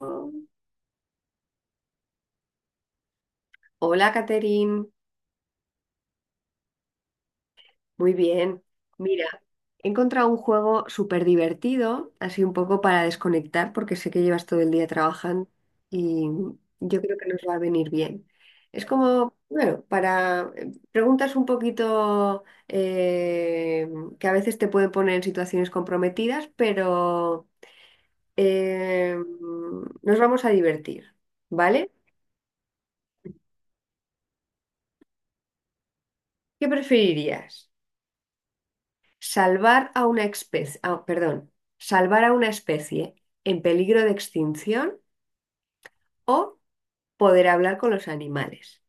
Oh. Hola, Caterín. Muy bien. Mira, he encontrado un juego súper divertido, así un poco para desconectar, porque sé que llevas todo el día trabajando y yo creo que nos va a venir bien. Es como, bueno, para preguntas un poquito que a veces te pueden poner en situaciones comprometidas, pero eh, nos vamos a divertir, ¿vale? ¿Qué preferirías? Salvar a una especie, perdón, salvar a una especie en peligro de extinción o poder hablar con los animales.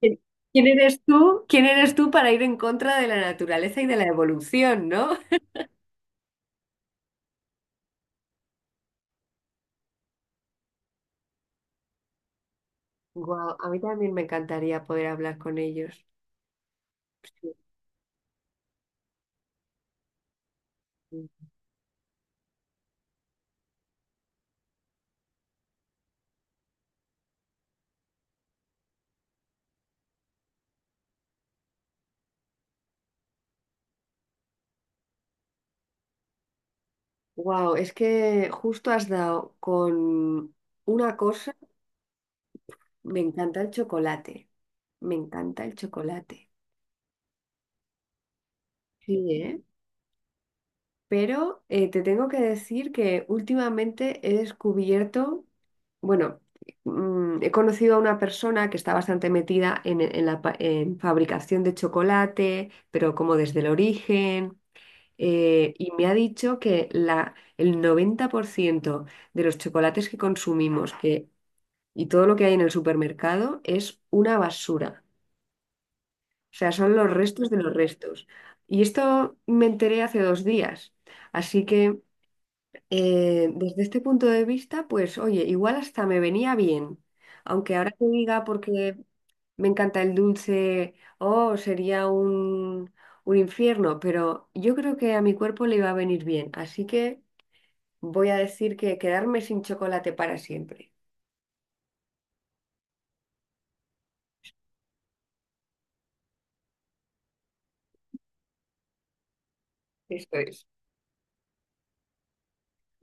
¿Quién quién eres tú? ¿Quién eres tú para ir en contra de la naturaleza y de la evolución, ¿no? Wow, a mí también me encantaría poder hablar con ellos. Wow, es que justo has dado con una cosa. Me encanta el chocolate. Me encanta el chocolate. Sí, ¿eh? Pero te tengo que decir que últimamente he descubierto, bueno, he conocido a una persona que está bastante metida en la en fabricación de chocolate, pero como desde el origen, y me ha dicho que el 90% de los chocolates que consumimos y todo lo que hay en el supermercado es una basura. O sea, son los restos de los restos. Y esto me enteré hace 2 días. Así que... desde este punto de vista, pues oye, igual hasta me venía bien, aunque ahora te diga porque me encanta el dulce, oh, sería un infierno, pero yo creo que a mi cuerpo le iba a venir bien, así que voy a decir que quedarme sin chocolate para siempre. Esto es.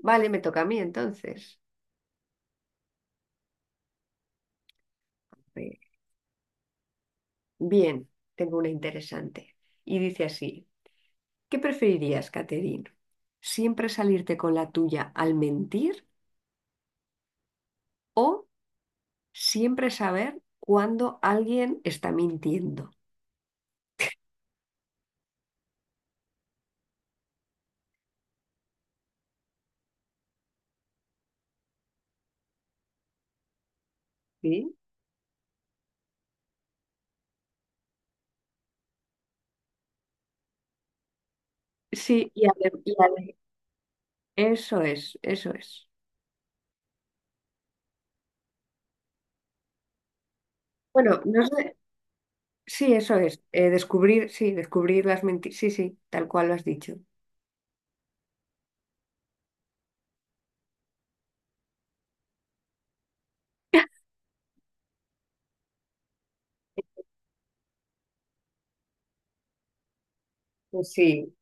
Vale, me toca a mí entonces. Eh, Bien, tengo una interesante. Y dice así, ¿qué preferirías, Caterine? ¿Siempre salirte con la tuya al mentir? O siempre saber cuándo alguien está mintiendo. ¿Sí? Sí, y eso es, eso es. Bueno, no sé, sí, eso es. Descubrir, sí, descubrir las mentiras. Sí, sí, tal cual lo has dicho. Pues sí.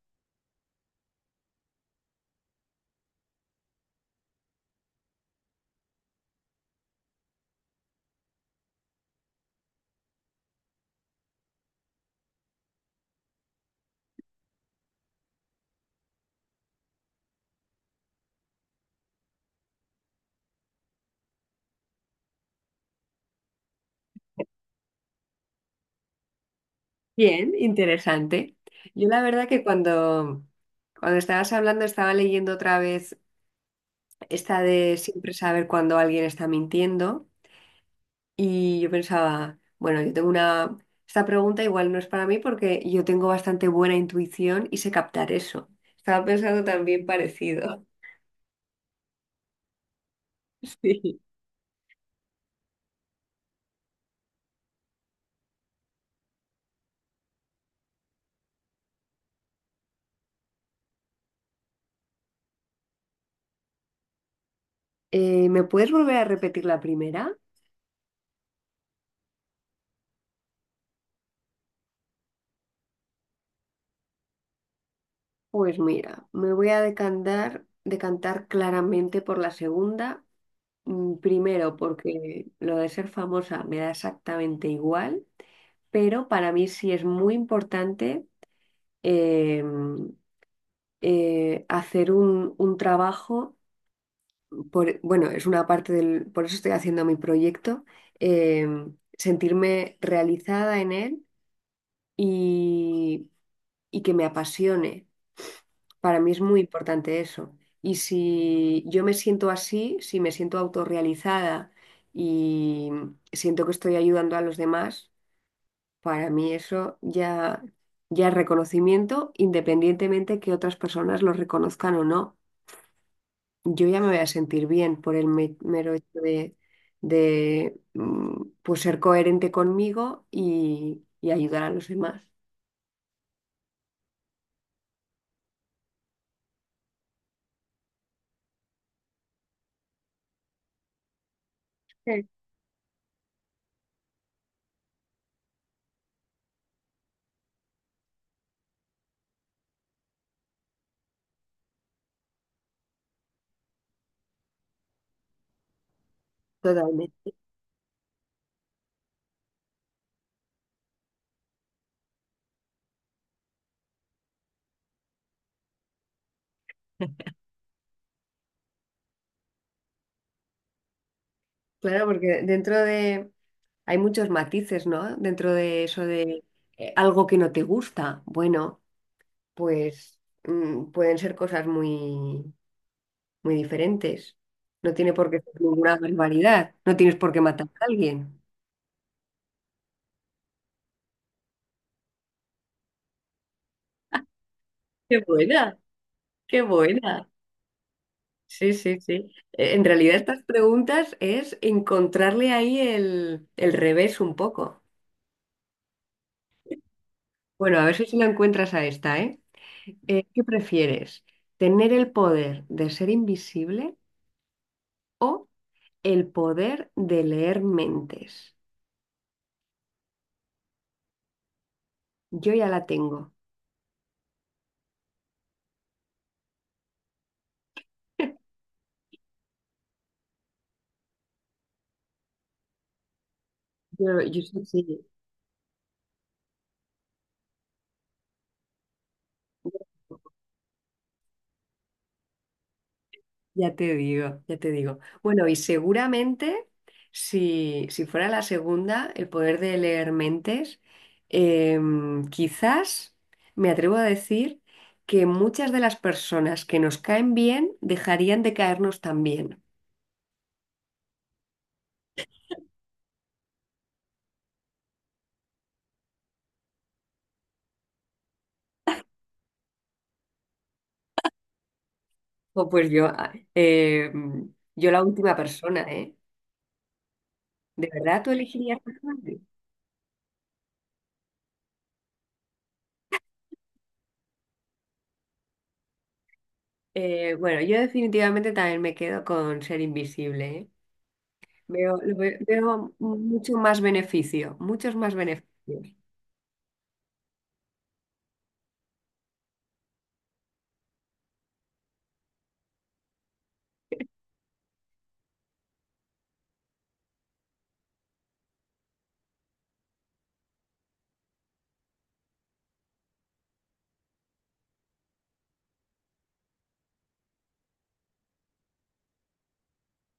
Bien, interesante. Yo la verdad que cuando estabas hablando estaba leyendo otra vez esta de siempre saber cuando alguien está mintiendo. Y yo pensaba, bueno, yo tengo una... Esta pregunta igual no es para mí porque yo tengo bastante buena intuición y sé captar eso. Estaba pensando también parecido. Sí. ¿Me puedes volver a repetir la primera? Pues mira, me voy a decantar, decantar claramente por la segunda. Primero, porque lo de ser famosa me da exactamente igual, pero para mí sí es muy importante em, hacer un trabajo. Bueno, es una parte del, por eso estoy haciendo mi proyecto, sentirme realizada en él y, y que me apasione. Para mí es muy importante eso. Y si yo me siento así, si me siento autorrealizada y siento que estoy ayudando a los demás, para mí ya es reconocimiento, independientemente que otras personas lo reconozcan o no. Yo ya me voy a sentir bien por el mero hecho de, pues ser coherente conmigo y ayudar a los demás. Sí. Totalmente. Claro, porque dentro de... Hay muchos matices, ¿no? Dentro de eso de algo que no te gusta. Bueno, pues pueden ser cosas muy, muy diferentes. No tiene por qué ser ninguna barbaridad. No tienes por qué matar a alguien. Qué buena, qué buena. Sí, sí, sí. En realidad estas preguntas es encontrarle ahí el revés un poco. Bueno, a ver si lo encuentras a esta, ¿eh? ¿Qué prefieres? ¿Tener el poder de ser invisible o el poder de leer mentes? Yo ya la tengo. Yo sí, sí. Ya te digo, ya te digo. Bueno, y seguramente si fuera la segunda, el poder de leer mentes, quizás me atrevo a decir que muchas de las personas que nos caen bien dejarían de caernos también. O pues yo, ah, yo la última persona, ¿eh? ¿De verdad tú elegirías esa parte? Bueno, yo definitivamente también me quedo con ser invisible, ¿eh? Veo, lo veo mucho más beneficio, muchos más beneficios.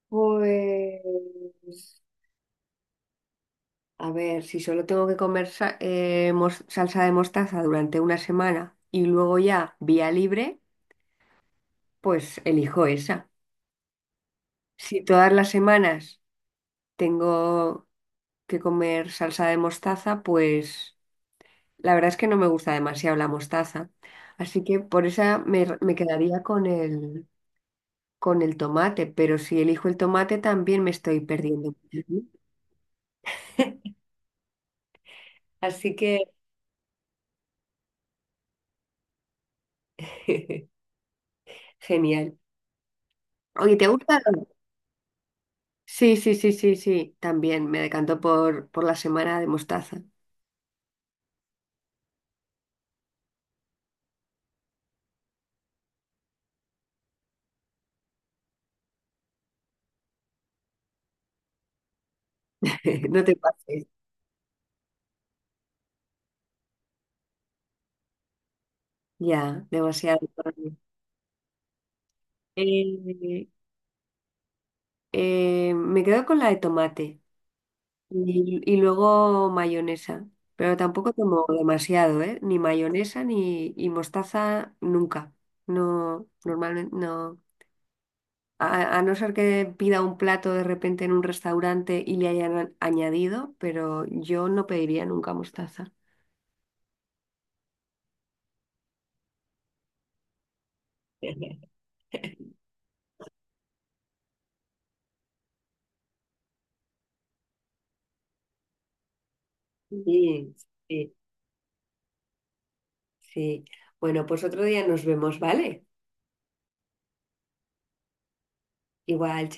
Pues, a ver, si solo tengo que comer salsa de mostaza durante una semana y luego ya vía libre, pues elijo esa. Si todas las semanas tengo que comer salsa de mostaza, pues la verdad es que no me gusta demasiado la mostaza. Así que por esa me quedaría con el tomate, pero si elijo el tomate también me estoy perdiendo. Así que genial. Oye, ¿te gusta? Sí, sí, sí, sí, sí. También me decanto por la semana de mostaza. No te pases. Ya, demasiado para mí. Eh, me quedo con la de tomate y luego mayonesa, pero tampoco tomo demasiado, ¿eh? Ni mayonesa ni y mostaza nunca. No, normalmente no. A no ser que pida un plato de repente en un restaurante y le hayan añadido, pero yo no pediría nunca mostaza. Sí, sí, sí. Bueno, pues otro día nos vemos, ¿vale? Igual.